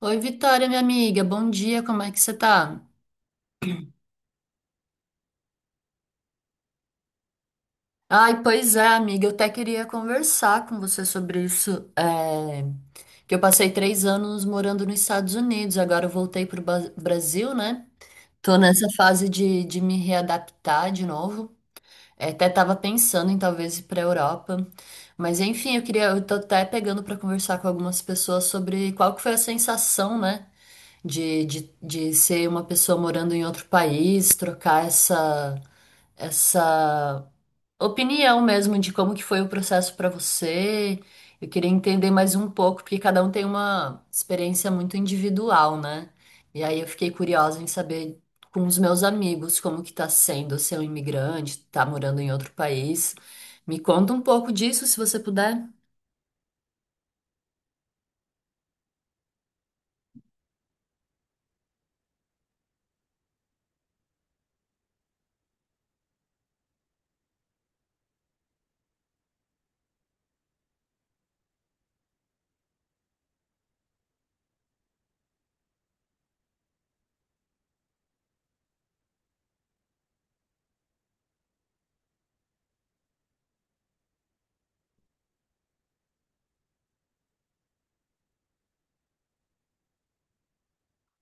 Oi, Vitória, minha amiga, bom dia, como é que você tá? Ai, pois é, amiga, eu até queria conversar com você sobre isso. é, que eu passei 3 anos morando nos Estados Unidos, agora eu voltei pro Brasil, né? Tô nessa fase de me readaptar de novo. É, até tava pensando em talvez ir pra Europa. Mas enfim, eu queria, eu tô até pegando pra conversar com algumas pessoas sobre qual que foi a sensação, né? De ser uma pessoa morando em outro país, trocar essa opinião mesmo de como que foi o processo para você. Eu queria entender mais um pouco, porque cada um tem uma experiência muito individual, né? E aí eu fiquei curiosa em saber com os meus amigos como que tá sendo ser um imigrante, tá morando em outro país. Me conta um pouco disso, se você puder.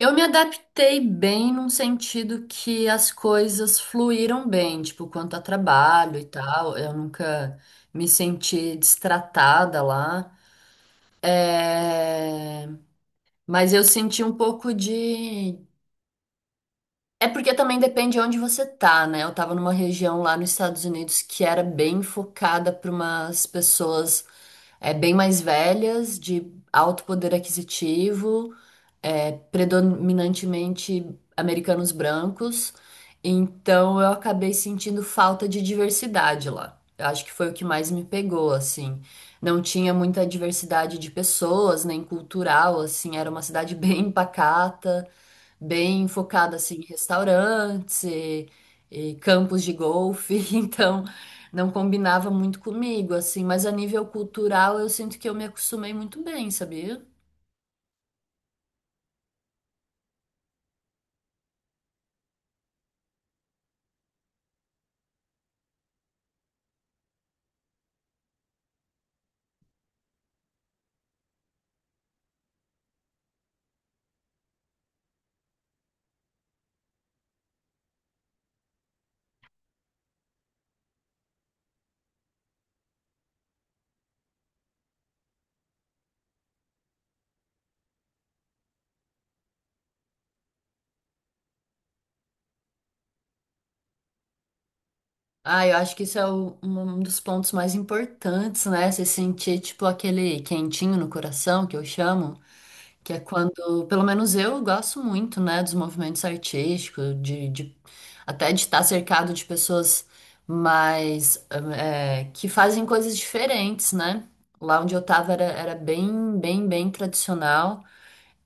Eu me adaptei bem num sentido que as coisas fluíram bem, tipo, quanto a trabalho e tal. Eu nunca me senti destratada lá. É, mas eu senti um pouco de. É porque também depende de onde você tá, né? Eu tava numa região lá nos Estados Unidos que era bem focada para umas pessoas bem mais velhas, de alto poder aquisitivo, predominantemente americanos brancos, então eu acabei sentindo falta de diversidade lá. Eu acho que foi o que mais me pegou, assim. Não tinha muita diversidade de pessoas, nem cultural, assim. Era uma cidade bem pacata, bem focada, assim, em restaurantes e campos de golfe. Então, não combinava muito comigo, assim. Mas a nível cultural, eu sinto que eu me acostumei muito bem, sabia? Ah, eu acho que isso é um dos pontos mais importantes, né? Você sentir, tipo, aquele quentinho no coração, que eu chamo, que é quando, pelo menos eu gosto muito, né, dos movimentos artísticos, de até de estar cercado de pessoas mais, que fazem coisas diferentes, né? Lá onde eu tava era bem tradicional.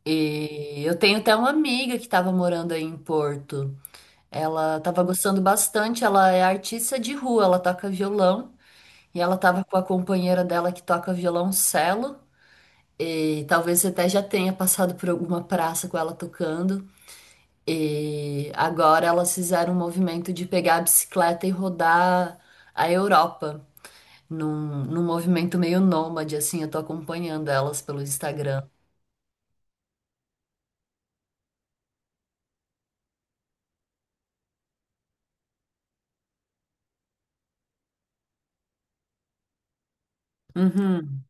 E eu tenho até uma amiga que estava morando aí em Porto. Ela estava gostando bastante, ela é artista de rua, ela toca violão e ela estava com a companheira dela que toca violoncelo e talvez até já tenha passado por alguma praça com ela tocando. E agora elas fizeram um movimento de pegar a bicicleta e rodar a Europa num movimento meio nômade, assim, eu tô acompanhando elas pelo Instagram. Uhum.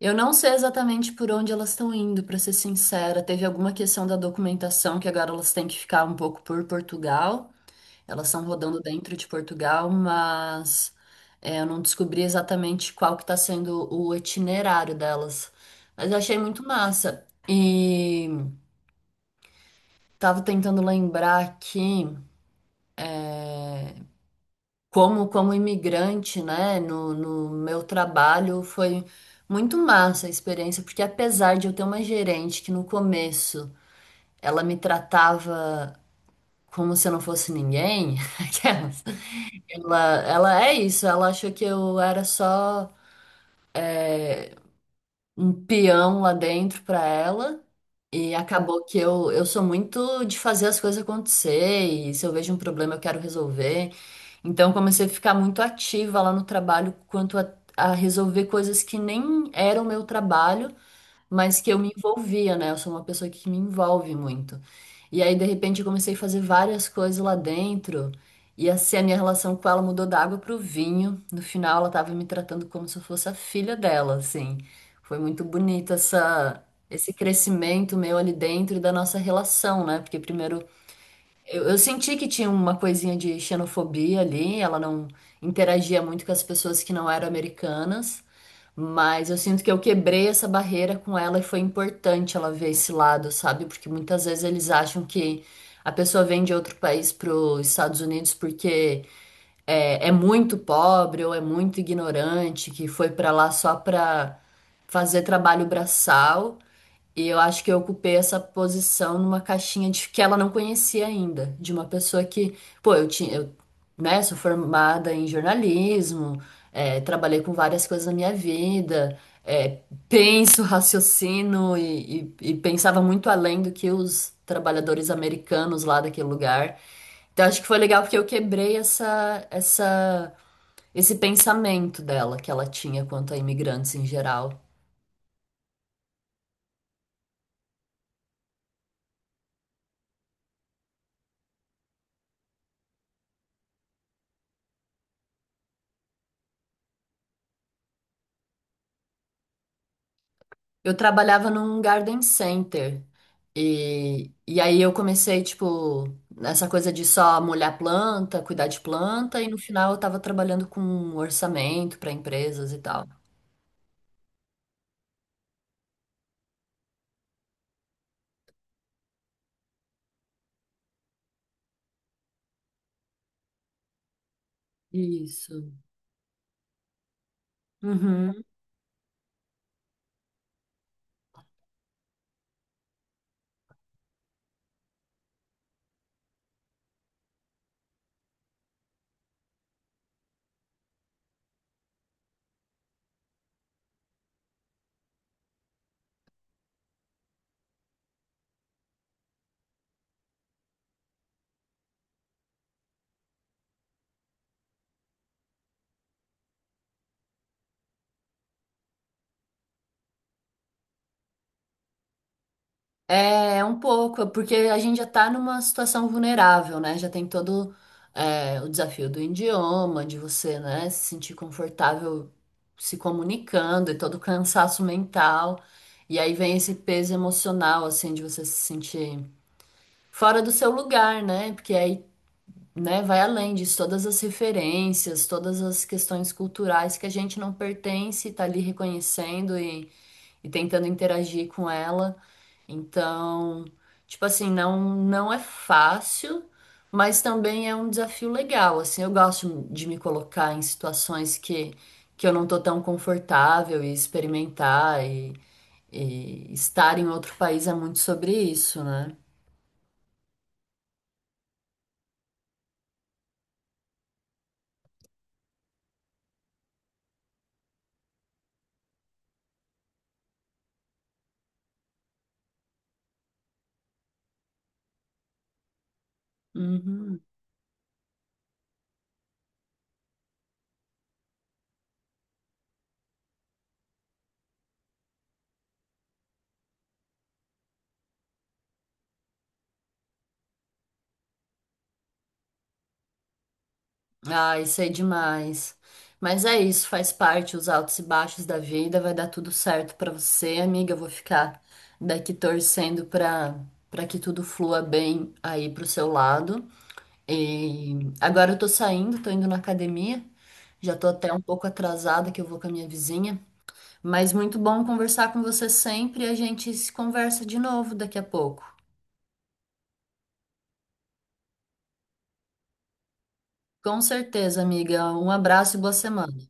Eu não sei exatamente por onde elas estão indo, para ser sincera. Teve alguma questão da documentação que agora elas têm que ficar um pouco por Portugal. Elas estão rodando dentro de Portugal, mas eu não descobri exatamente qual que está sendo o itinerário delas. Mas eu achei muito massa. E tava tentando lembrar aqui como, como imigrante, né, no meu trabalho foi muito massa a experiência, porque apesar de eu ter uma gerente que no começo ela me tratava como se eu não fosse ninguém. Aquelas. Ela, ela é isso, ela achou que eu era só um peão lá dentro pra ela. E acabou que eu sou muito de fazer as coisas acontecer, e se eu vejo um problema eu quero resolver. Então comecei a ficar muito ativa lá no trabalho quanto a resolver coisas que nem eram meu trabalho, mas que eu me envolvia, né? Eu sou uma pessoa que me envolve muito. E aí, de repente, eu comecei a fazer várias coisas lá dentro. E assim, a minha relação com ela mudou da água pro vinho. No final, ela tava me tratando como se eu fosse a filha dela, assim. Foi muito bonito essa, esse crescimento meu ali dentro e da nossa relação, né? Porque primeiro, eu senti que tinha uma coisinha de xenofobia ali. Ela não interagia muito com as pessoas que não eram americanas. Mas eu sinto que eu quebrei essa barreira com ela e foi importante ela ver esse lado, sabe? Porque muitas vezes eles acham que a pessoa vem de outro país para os Estados Unidos porque é muito pobre ou é muito ignorante, que foi para lá só para fazer trabalho braçal. E eu acho que eu ocupei essa posição numa caixinha de que ela não conhecia ainda, de uma pessoa que, pô, eu tinha, eu, né, sou formada em jornalismo, trabalhei com várias coisas na minha vida, penso, raciocino e pensava muito além do que os trabalhadores americanos lá daquele lugar. Então acho que foi legal porque eu quebrei essa, esse pensamento dela que ela tinha quanto a imigrantes em geral. Eu trabalhava num garden center. E aí eu comecei, tipo, nessa coisa de só molhar planta, cuidar de planta, e no final eu tava trabalhando com orçamento para empresas e tal. Isso. Uhum. É, um pouco, porque a gente já está numa situação vulnerável, né? Já tem todo, o desafio do idioma, de você, né, se sentir confortável se comunicando e todo o cansaço mental. E aí vem esse peso emocional, assim, de você se sentir fora do seu lugar, né? Porque aí, né, vai além disso, todas as referências, todas as questões culturais que a gente não pertence, tá ali reconhecendo e tentando interagir com ela. Então, tipo assim, não é fácil, mas também é um desafio legal. Assim, eu gosto de me colocar em situações que eu não tô tão confortável e experimentar e estar em outro país é muito sobre isso, né? Uhum. Ah, isso é demais. Mas é isso, faz parte, os altos e baixos da vida. Vai dar tudo certo pra você, amiga. Eu vou ficar daqui torcendo pra para que tudo flua bem aí pro seu lado. E agora eu tô saindo, tô indo na academia. Já tô até um pouco atrasada que eu vou com a minha vizinha, mas muito bom conversar com você sempre. A gente se conversa de novo daqui a pouco. Com certeza, amiga. Um abraço e boa semana.